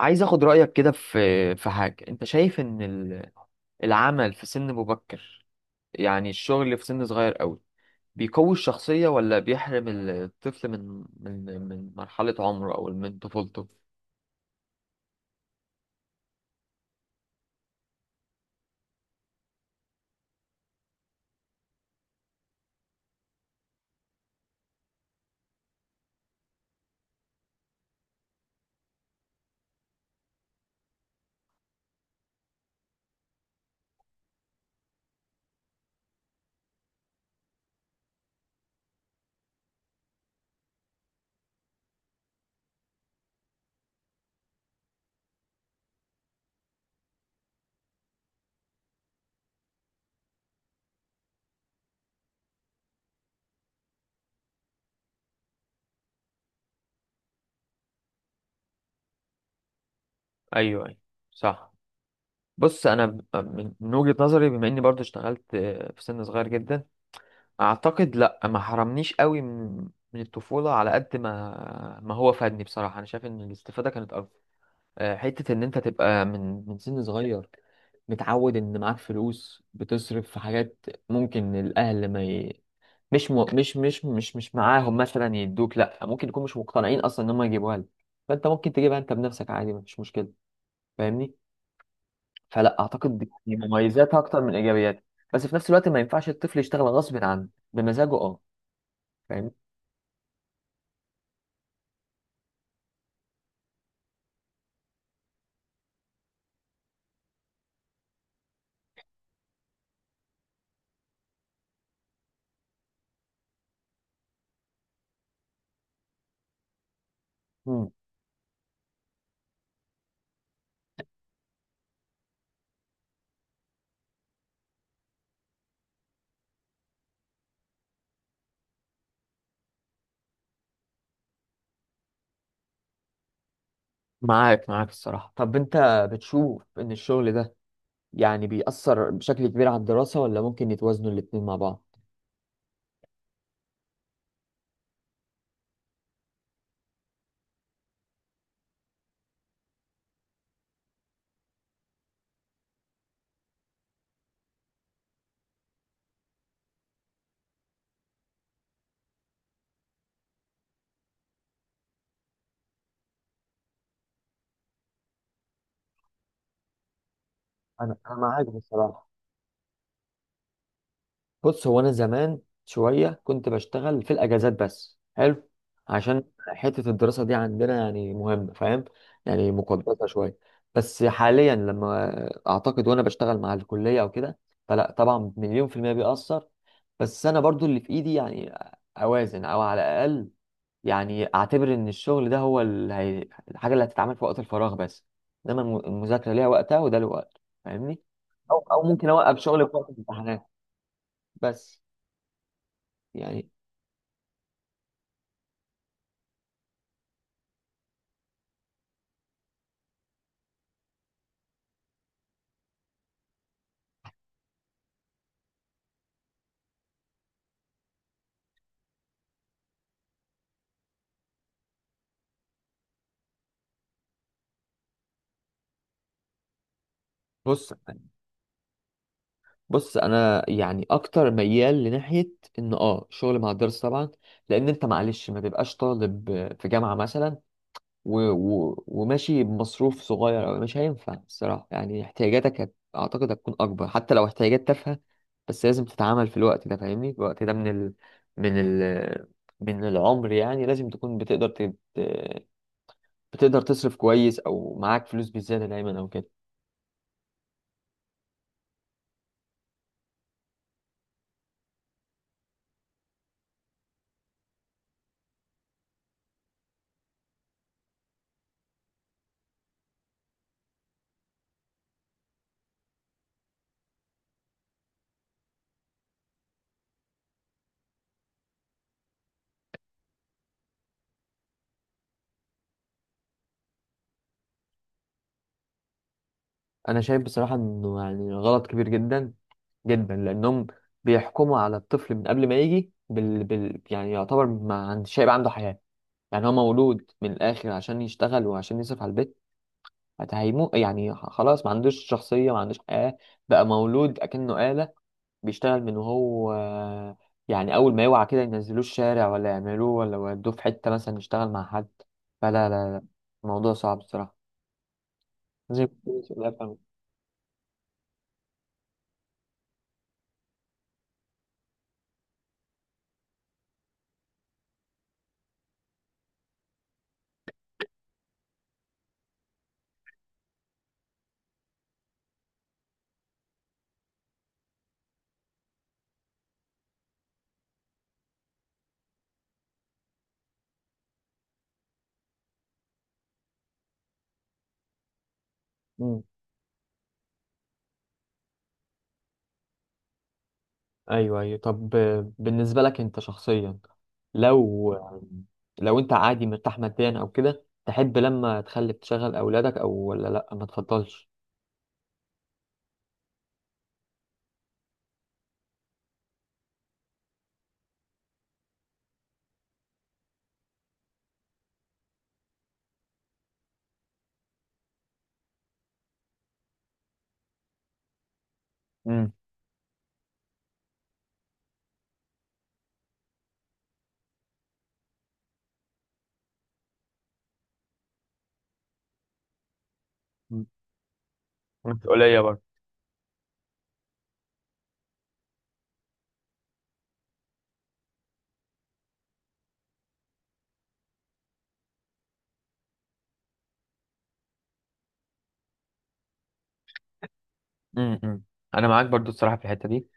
عايز اخد رأيك كده في حاجة، انت شايف ان العمل في سن مبكر، يعني الشغل في سن صغير قوي بيقوي الشخصية، ولا بيحرم الطفل من مرحلة عمره او من طفولته؟ ايوه ايوه، صح. بص انا من من وجهة نظري، بما اني برضو اشتغلت في سن صغير جدا، اعتقد لا، ما حرمنيش قوي من الطفولة، على قد ما هو فادني. بصراحة انا شايف ان الاستفادة كانت اكبر، حتة إن أنت تبقى من سن صغير متعود إن معاك فلوس بتصرف في حاجات، ممكن الأهل ما ي... مش م... مش مش مش مش معاهم مثلا يدوك، لأ ممكن يكون مش مقتنعين أصلا إن هم يجيبوها لك، فأنت ممكن تجيبها أنت بنفسك عادي، مفيش مشكلة. فاهمني؟ فلأ، أعتقد دي مميزاتها أكتر من إيجابياتها. بس في نفس الوقت ما ينفعش الطفل يشتغل غصب عنه، بمزاجه فاهمني؟ مم. معاك معاك الصراحة. طب أنت بتشوف إن الشغل ده يعني بيأثر بشكل كبير على الدراسة، ولا ممكن يتوازنوا الاتنين مع بعض؟ انا معاك بصراحه. بص هو انا زمان شويه كنت بشتغل في الاجازات، بس حلو عشان حته الدراسه دي عندنا يعني مهمه، فاهم؟ يعني مقدسه شويه. بس حاليا لما اعتقد وانا بشتغل مع الكليه او كده، فلا طبعا مليون في الميه بيأثر. بس انا برضو اللي في ايدي يعني اوازن، او على الاقل يعني اعتبر ان الشغل ده هو الحاجه اللي هتتعمل في وقت الفراغ بس، انما المذاكره ليها وقتها وده له وقت، فاهمني؟ او ممكن اوقف شغل في وقت الامتحانات بس، يعني. بص بص انا يعني اكتر ميال لناحيه ان شغل مع الدراسه طبعا، لان انت معلش ما تبقاش طالب في جامعه مثلا وماشي بمصروف صغير أوي، مش هينفع الصراحة، يعني احتياجاتك أعتقد هتكون أكبر، حتى لو احتياجات تافهة، بس لازم تتعامل في الوقت ده. فاهمني؟ في الوقت ده من ال... من العمر، يعني لازم تكون بتقدر بتقدر تصرف كويس أو معاك فلوس بزيادة دايما أو كده. أنا شايف بصراحة إنه يعني غلط كبير جدا جدا، لأنهم بيحكموا على الطفل من قبل ما يجي يعني يعتبر ما عند... شايب عنده حياة. يعني هو مولود من الآخر عشان يشتغل وعشان يصرف على البيت، هيمو يعني خلاص، ما عندوش شخصية ما عندوش حياة، بقى مولود أكنه آلة بيشتغل من وهو يعني أول ما يوعى كده ينزلوه الشارع، ولا يعملوه، ولا يودوه في حتة مثلا يشتغل مع حد. فلا لا لا، الموضوع صعب الصراحة. لازم يكون في مسؤولية فعلا. مم. أيوه أيوه. طب بالنسبة لك أنت شخصيا، لو لو أنت عادي مرتاح ماديا أو كده، تحب لما تخلف تشغل أولادك، أو ولا لأ ما تفضلش؟ مم. مسؤولية برضه. امم، انا معاك برضو الصراحه في الحته دي.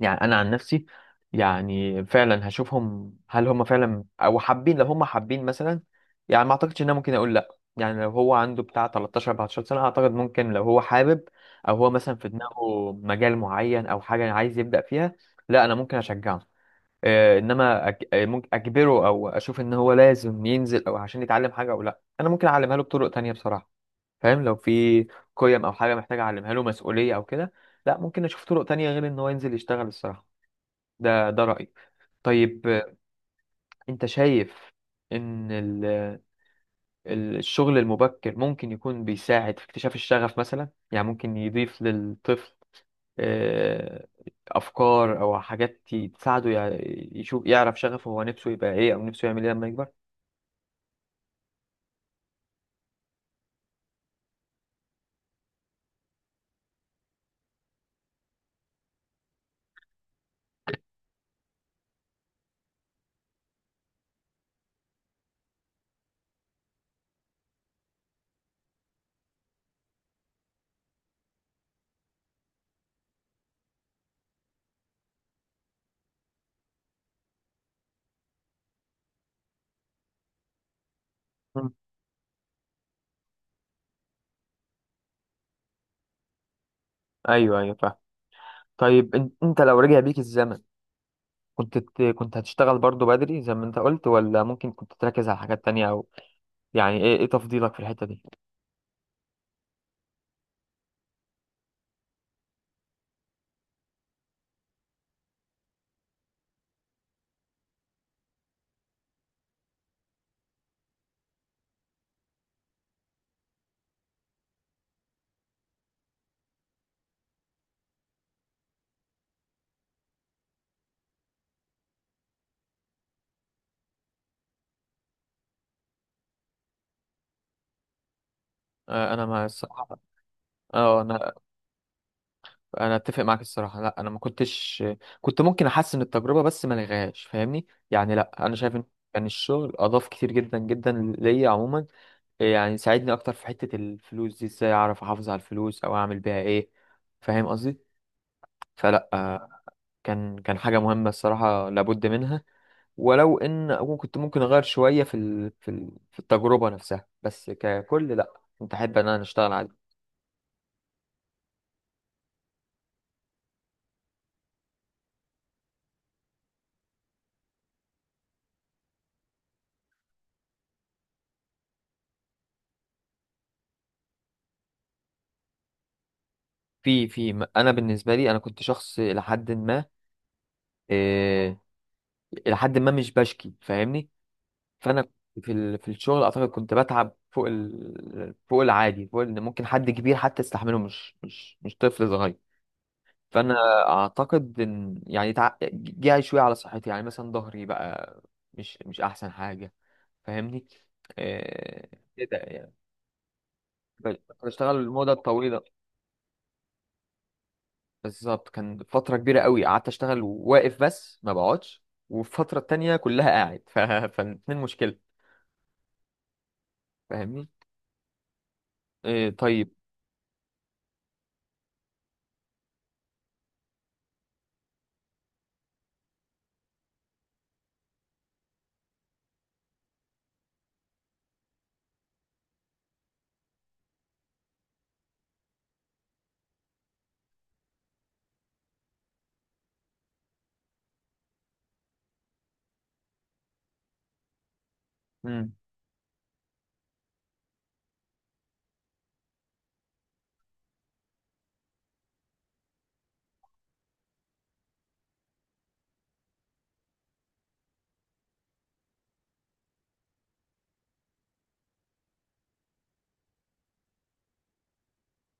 يعني انا عن نفسي يعني فعلا هشوفهم، هل هم فعلا او حابين، لو هم حابين مثلا يعني ما اعتقدش ان انا ممكن اقول لا. يعني لو هو عنده بتاع 13 14 سنه، اعتقد ممكن لو هو حابب او هو مثلا في دماغه مجال معين او حاجه عايز يبدا فيها، لا انا ممكن اشجعه. انما ممكن اجبره او اشوف ان هو لازم ينزل او عشان يتعلم حاجه، او لا انا ممكن اعلمها له بطرق تانية بصراحه. فاهم؟ لو في قيم او حاجه محتاج اعلمها له، مسؤوليه او كده، لا ممكن اشوف طرق تانية غير ان هو ينزل يشتغل الصراحه. ده رايي. طيب انت شايف ان الشغل المبكر ممكن يكون بيساعد في اكتشاف الشغف مثلا؟ يعني ممكن يضيف للطفل آه، افكار او حاجات تساعده يشوف يعرف شغفه هو نفسه يبقى ايه، او نفسه يعمل ايه لما يكبر. مم. ايوه ايوه فاهم. طيب انت لو رجع بيك الزمن، كنت كنت هتشتغل برضو بدري زي ما انت قلت، ولا ممكن كنت تركز على حاجات تانية؟ او يعني ايه تفضيلك في الحتة دي؟ انا ما الصراحة، اه انا انا اتفق معاك الصراحة. لا انا ما كنتش، كنت ممكن احسن التجربة بس ما الغاش، فاهمني؟ يعني لا انا شايف ان كان الشغل اضاف كتير جدا جدا ليا عموما. يعني ساعدني اكتر في حتة الفلوس دي، ازاي اعرف احافظ على الفلوس او اعمل بيها ايه. فاهم قصدي؟ فلا، كان حاجة مهمة الصراحة لابد منها. ولو ان اكون كنت ممكن اغير شويه في التجربه نفسها، بس ككل لا، كنت احب ان انا اشتغل عادي. انا بالنسبه لي انا كنت شخص الى حد ما، إيه... الى حد ما مش بشكي، فاهمني؟ فانا كنت في الشغل اعتقد كنت بتعب فوق العادي، فوق ان ممكن حد كبير حتى يستحمله، مش طفل صغير. فانا اعتقد ان يعني جه شويه على صحتي، يعني مثلا ظهري بقى مش احسن حاجه. فاهمني؟ آه، كده يعني كنت بشتغل المدة الطويلة. بالظبط كان فترة كبيرة قوي قعدت اشتغل واقف بس ما بقعدش، والفترة التانية كلها قاعد فالاتنين مشكلة. فاهمني؟ طيب. مم.